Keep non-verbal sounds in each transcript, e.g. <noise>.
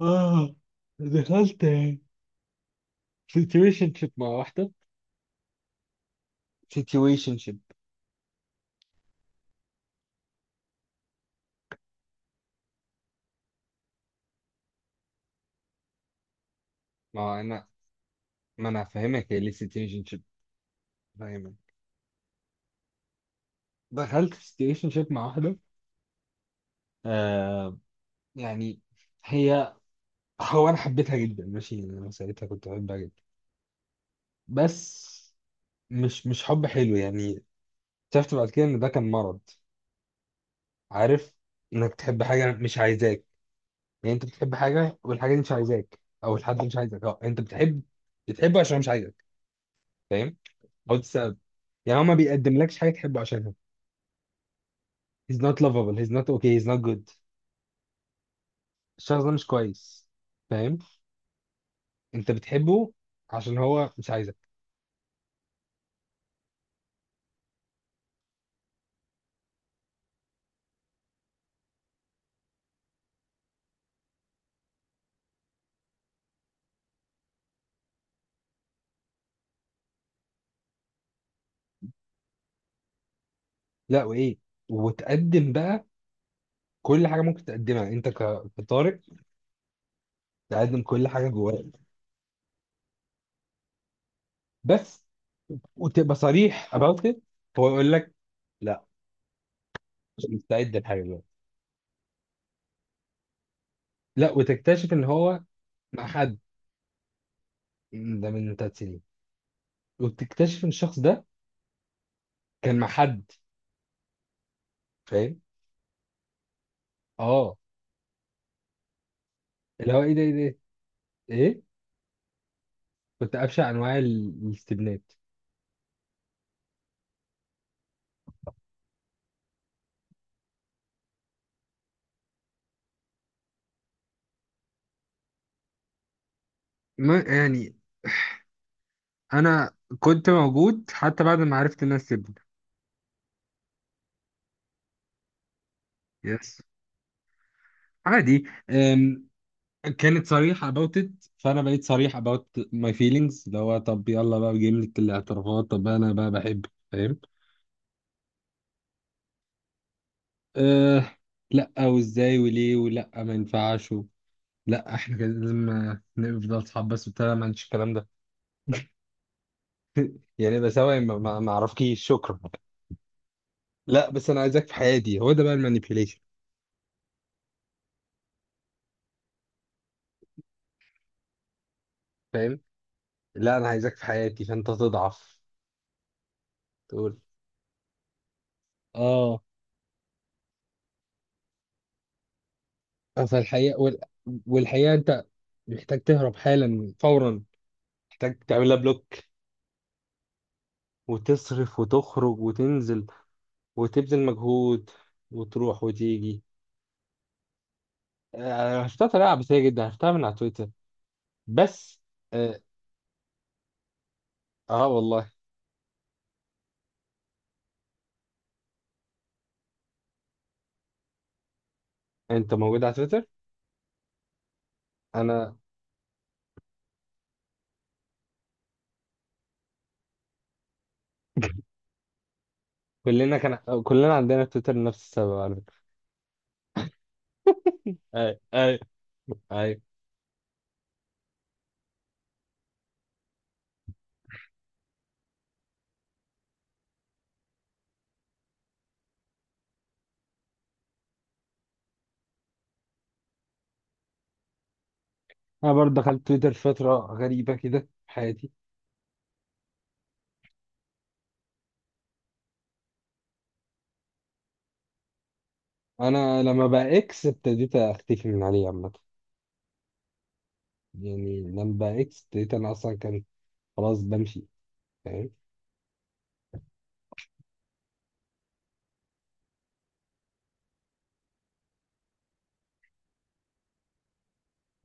اه دخلت سيتويشن شيب مع واحدة. سيتويشن شيب. ما انا ما انا فاهمك، هي ليه سيتويشن شيب. فاهمك. دخلت سيتويشن شيب مع واحدة. آه، يعني هي هو انا حبيتها جدا، ماشي، يعني انا ساعتها كنت بحبها جدا، بس مش حب حلو يعني. اكتشفت بعد كده ان ده كان مرض. عارف، انك تحب حاجة مش عايزاك. يعني انت بتحب حاجة والحاجة دي مش عايزاك او الحد مش عايزك، اه، انت بتحبه عشان مش عايزك. فاهم، او تستقبل، يعني هو ما بيقدملكش حاجه تحبه عشانها. he's not lovable، he's not okay، he's not good. الشخص ده مش كويس، فاهم، انت بتحبه عشان هو مش عايزك. لا، وايه، وتقدم بقى كل حاجه ممكن تقدمها انت كطارق، تقدم كل حاجه جواك، بس، وتبقى صريح about it. هو يقول لك لا، مش مستعد لحاجه دلوقتي. لا، وتكتشف ان هو مع حد. ده من 3 سنين، وتكتشف ان الشخص ده كان مع حد، فاهم. اه. اللي هو ايه ده ايه ده، ايه. كنت أبشع أنواع الاستبنات. ما يعني انا كنت موجود حتى بعد ما عرفت الناس سيبني. يس. عادي. أم، كانت صريحة about it، فانا بقيت صريح about my feelings، اللي هو طب يلا بقى جملة الاعترافات، طب انا بقى بحب. فاهم. أه. لا وازاي وليه ولا ما ينفعش لا احنا كده لازم نفضل اصحاب بس وبتاع، ما عنديش الكلام ده. يعني بسوي ما اعرفكيش، شكرا. لا بس انا عايزك في حياتي، هو ده بقى المانيبيوليشن. لا انا عايزك في حياتي، فانت تضعف، تقول اه. فالحقيقة وال... والحقيقة انت محتاج تهرب حالا فورا، محتاج تعملها بلوك، وتصرف وتخرج وتنزل، وتبذل مجهود، وتروح وتيجي. عرفتها طريقة عبثية جدا، عرفتها من على تويتر بس. اه. آه والله. انت موجود على تويتر. انا كلنا كان، كلنا عندنا تويتر لنفس السبب على فكرة. اي اي اي. انا برضه دخلت تويتر فترة غريبة كده في حياتي. انا لما بقى اكس ابتديت اختفي من عليه عامه، يعني لما بقى اكس ابتديت انا اصلا كان خلاص بمشي، فاهم.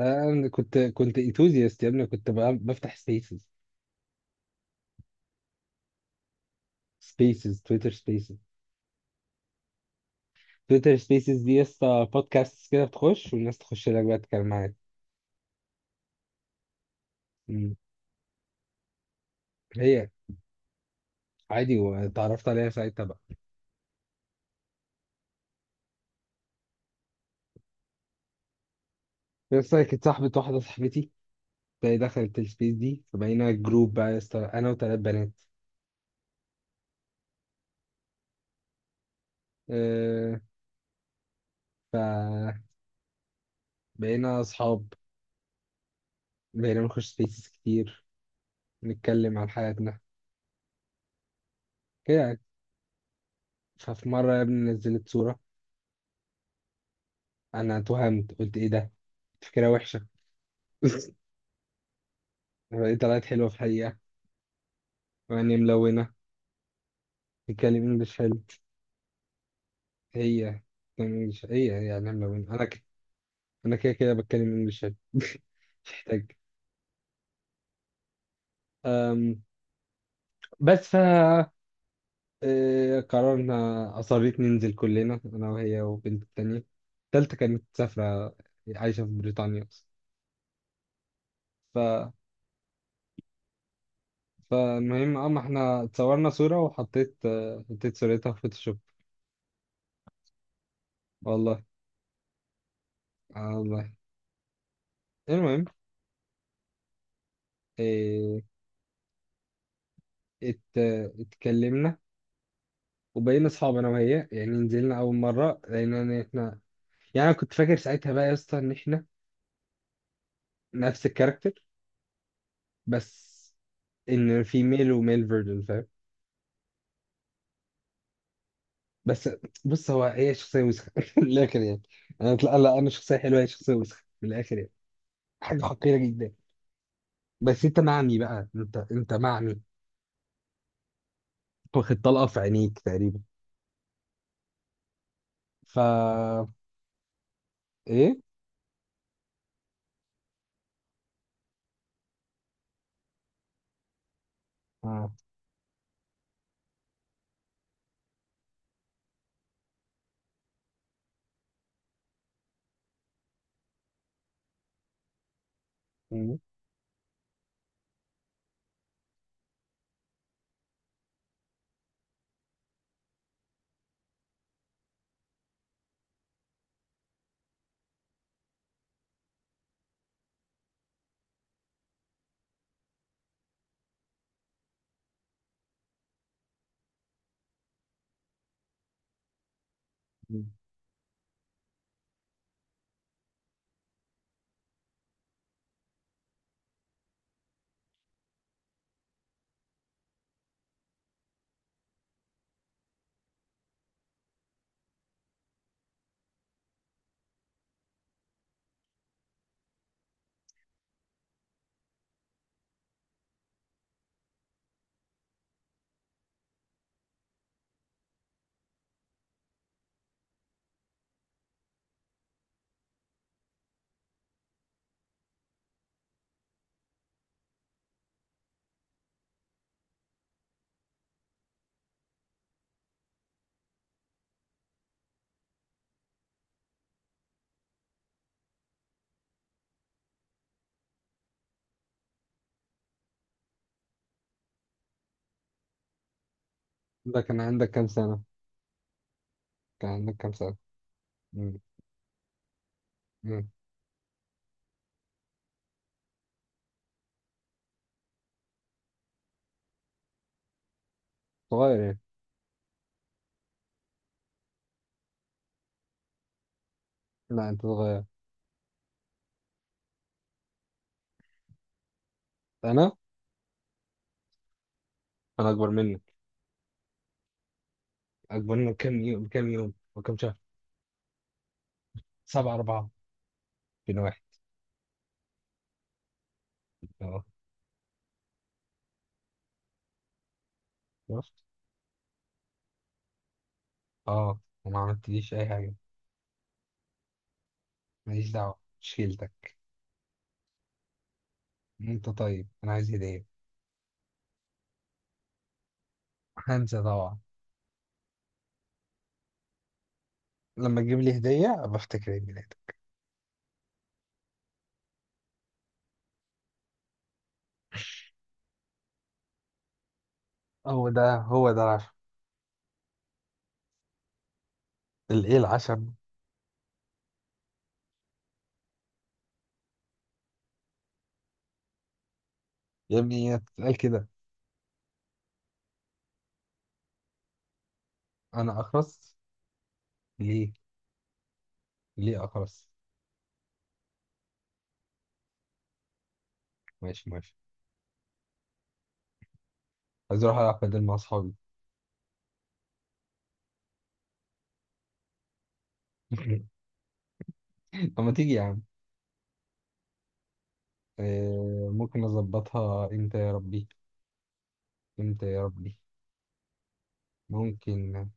انا كنت انثوزياست يا ابني، كنت بقى بفتح سبيسز سبيسز تويتر سبيسز. تويتر سبيسز دي يا اسطى بودكاست كده، بتخش والناس تخش لك بقى تتكلم معاك. مم. هي عادي، واتعرفت عليها ساعتها بقى يا اسطى. كانت صاحبة واحدة صاحبتي، فهي دخلت السبيس دي، فبقينا جروب بقى يا اسطى انا وثلاث بنات. أه. فبقينا اصحاب، بقينا نخش سبيسز كتير، نتكلم عن حياتنا كده يعني. ففي مرة يا ابني نزلت صورة. أنا اتوهمت قلت إيه ده؟ فكرة وحشة. <laughs> لقيت طلعت حلوة في الحقيقة، وعيني ملونة، بتتكلم إنجلش حلو. هي بتتكلم إنجلش، هي يعني ملونة. أنا كده كده بتكلم إنجلش حلو <laughs> مش محتاج. أم... بس ف قررنا، أصريت ننزل كلنا أنا وهي وبنت التانية. التالتة كانت مسافرة، عايشة في بريطانيا أصلا. فالمهم، اه، ما احنا اتصورنا صورة، وحطيت، حطيت صورتها في فوتوشوب، والله. آه والله. المهم إيه، ات اتكلمنا وبقينا اصحاب انا وهي. يعني نزلنا اول مرة لقينا ان احنا، يعني انا كنت فاكر ساعتها بقى يا اسطى ان احنا نفس الكاركتر، بس ان في ميل وميل فيرجن، فاهم. بس بص، هو هي شخصية وسخة <laughs> من الاخر يعني. انا لا لا، انا شخصية حلوة، هي شخصية وسخة من الاخر يعني، حاجة حقيرة جدا. بس انت معمي بقى، انت معمي، واخد طلقة في عينيك تقريبا. فا ايه؟ آه. مم. مم. ده كان عندك كام سنة؟ كان عندك كام سنة؟ مم. مم. صغير يعني. لا انت صغير. انا؟ انا اكبر منك. اكبر منك كام يوم، بكام يوم وكام شهر؟ سبعة أربعة، بين واحد. اه. شفت؟ اه، وما عملتليش أي حاجة. ماليش دعوة، مش شيلتك. انت طيب، انا عايز هدية. هنسى طبعا. لما تجيب لي هدية أبقى أفتكر عيد ميلادك. هو ده العشم. الايه العشم. يا ابني هي بتتقال كده. انا اخرس؟ ليه، خلاص. ماشي ماشي. عايز اروح العب بدل مع اصحابي. <laughs> طب ما تيجي يا عم. ممكن اظبطها امتى يا ربي، امتى يا ربي؟ ممكن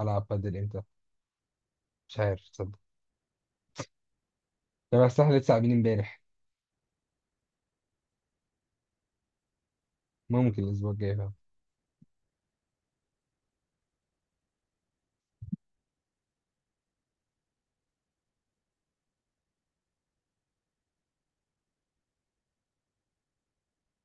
العب بادل امتى، مش عارف تصدق. طب اصل احنا لسه قاعدين امبارح. ممكن الاسبوع الجاي فعلا.